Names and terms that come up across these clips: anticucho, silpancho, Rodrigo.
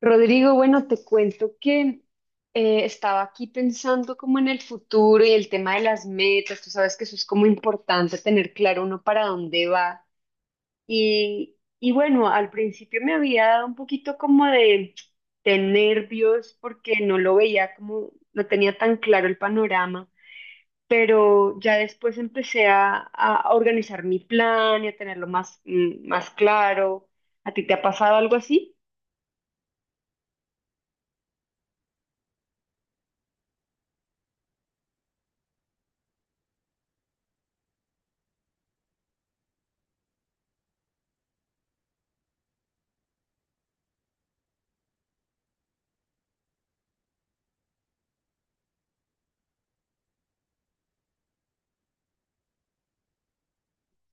Rodrigo, bueno, te cuento que estaba aquí pensando como en el futuro y el tema de las metas. Tú sabes que eso es como importante tener claro uno para dónde va. Y bueno, al principio me había dado un poquito como de nervios porque no lo veía como, no tenía tan claro el panorama. Pero ya después empecé a organizar mi plan y a tenerlo más, más claro. ¿A ti te ha pasado algo así?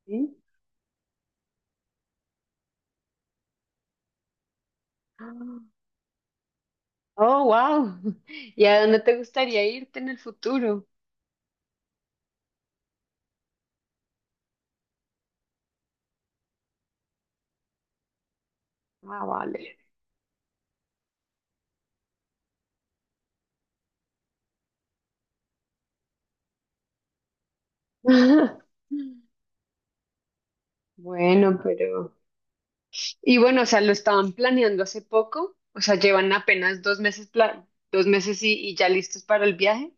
¿Sí? Oh, wow. ¿Y a dónde te gustaría irte en el futuro? Ah, vale. Bueno, pero... Y bueno, o sea, lo estaban planeando hace poco, o sea, llevan apenas 2 meses, 2 meses y ya listos para el viaje.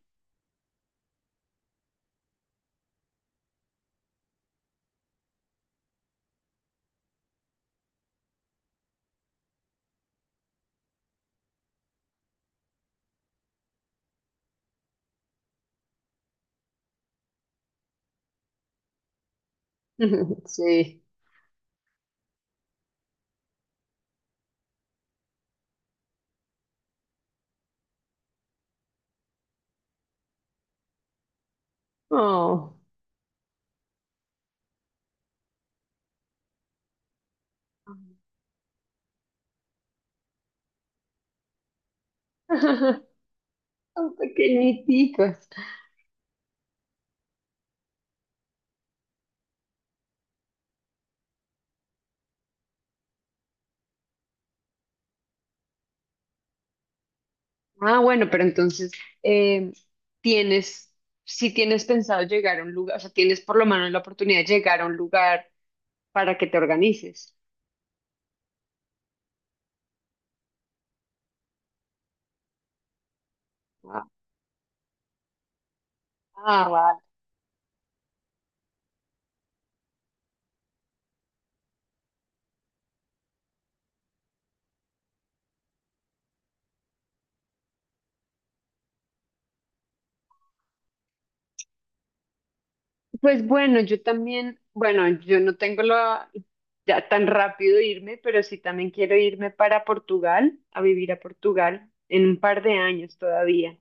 Sí. Oh. Son pequeñiticos. Ah, bueno, pero entonces, eh, tienes, si tienes pensado llegar a un lugar, o sea, tienes por lo menos la oportunidad de llegar a un lugar para que te organices. Ah, vale. Pues bueno, yo también, bueno, yo no tengo la, ya tan rápido irme, pero sí también quiero irme para Portugal, a vivir a Portugal en un par de años todavía.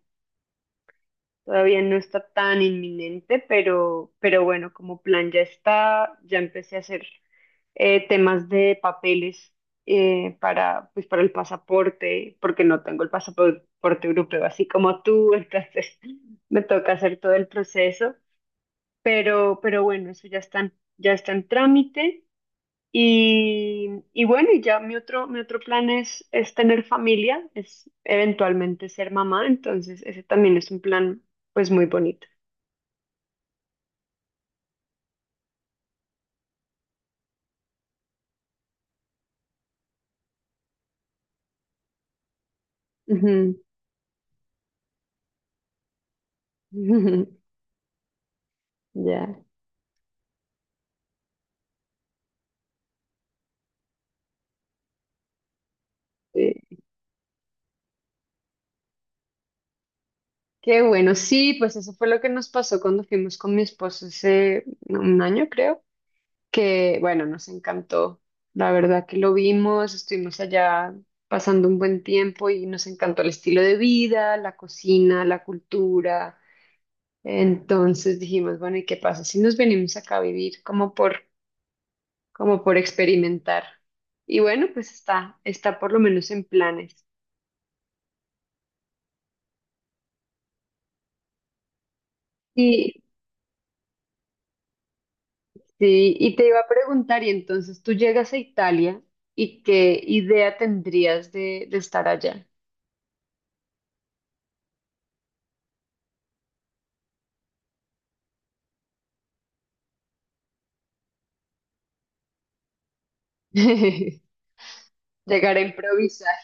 Todavía no está tan inminente, pero bueno, como plan ya está, ya empecé a hacer temas de papeles para, pues para el pasaporte, porque no tengo el pasaporte europeo, así como tú, entonces me toca hacer todo el proceso. Pero bueno, eso ya está en trámite. Y, y bueno, y ya mi otro plan es tener familia, es eventualmente ser mamá, entonces ese también es un plan pues muy bonito. Ujú. Ya, sí. Qué bueno, sí, pues eso fue lo que nos pasó cuando fuimos con mi esposo hace 1 año, creo. Que, bueno, nos encantó. La verdad que lo vimos, estuvimos allá pasando un buen tiempo y nos encantó el estilo de vida, la cocina, la cultura. Entonces dijimos, bueno, ¿y qué pasa si nos venimos acá a vivir como por, como por experimentar? Y bueno, pues está, está por lo menos en planes. Y, sí, y te iba a preguntar, y entonces tú llegas a Italia ¿y qué idea tendrías de estar allá? Llegar a improvisar.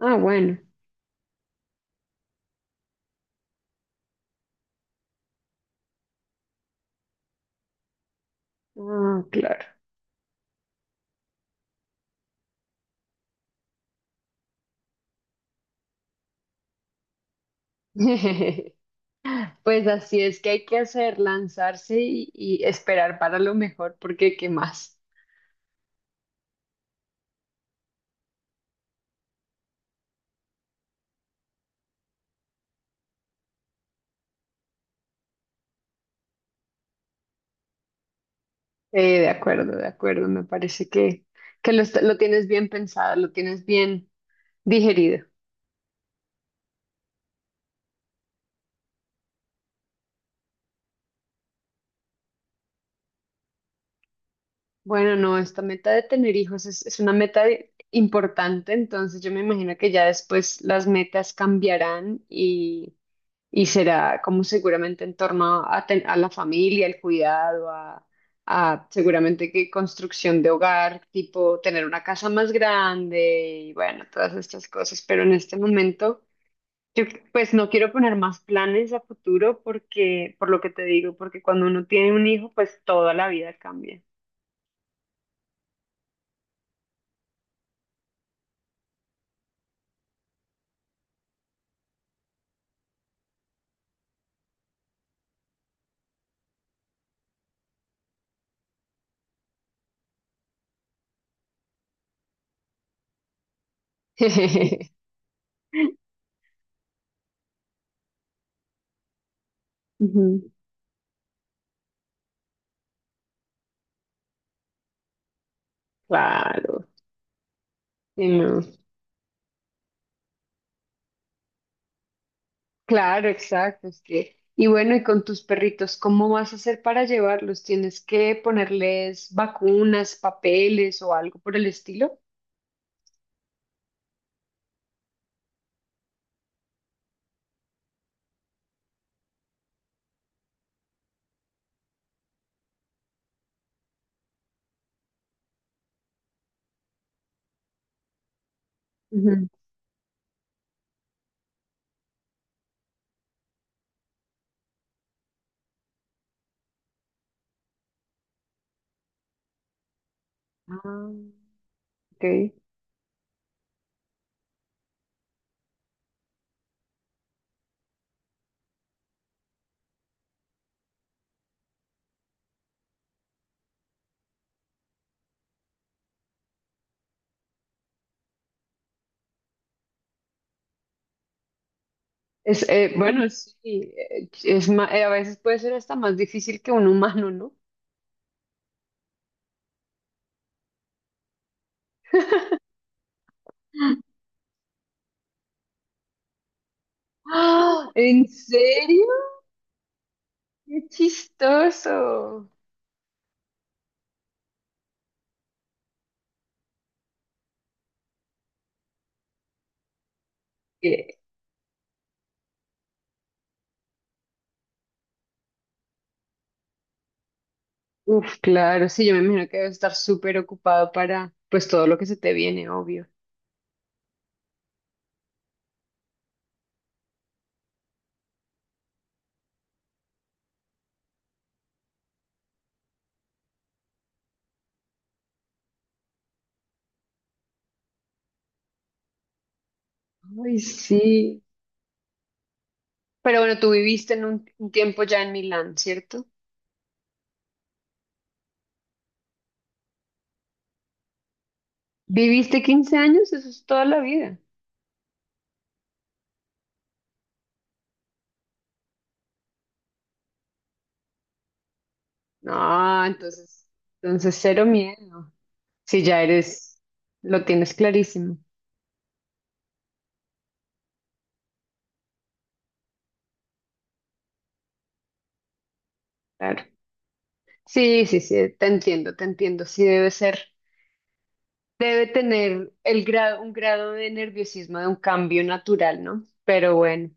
Ah, bueno. Ah, claro. Pues así es que hay que hacer, lanzarse y esperar para lo mejor, porque ¿qué más? De acuerdo, de acuerdo. Me parece que lo, lo tienes bien pensado, lo tienes bien digerido. Bueno, no, esta meta de tener hijos es una meta importante, entonces yo me imagino que ya después las metas cambiarán y será como seguramente en torno a, a la familia, el cuidado, a seguramente que construcción de hogar, tipo tener una casa más grande y bueno, todas estas cosas. Pero en este momento, yo pues no quiero poner más planes a futuro porque, por lo que te digo, porque cuando uno tiene un hijo, pues toda la vida cambia. Ujú. Claro, sí, no. Claro, exacto, es que, y bueno, y con tus perritos, ¿cómo vas a hacer para llevarlos? ¿Tienes que ponerles vacunas, papeles o algo por el estilo? Ujú. Ah, ok. Es, bueno, sí, es a veces puede ser hasta más difícil que un humano, ¿no? ¡Ah! ¿En serio? ¡Qué chistoso! Eh, Uf, claro, sí, yo me imagino que debe estar súper ocupado para, pues, todo lo que se te viene, obvio. Ay, sí. Pero bueno, tú viviste en un tiempo ya en Milán, ¿cierto? ¿Viviste 15 años? Eso es toda la vida. No, entonces, entonces cero miedo. Si ya eres, lo tienes clarísimo, claro. Sí, sí, sí, te entiendo, te entiendo. Sí debe ser, debe tener el grado, un grado de nerviosismo de un cambio natural, ¿no? Pero bueno.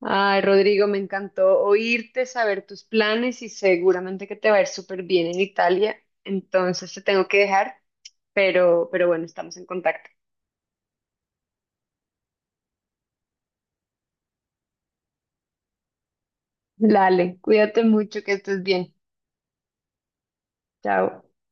Ay, Rodrigo, me encantó oírte, saber tus planes y seguramente que te va a ir súper bien en Italia. Entonces te tengo que dejar, pero bueno, estamos en contacto. Dale, cuídate mucho, que estés bien. Chao.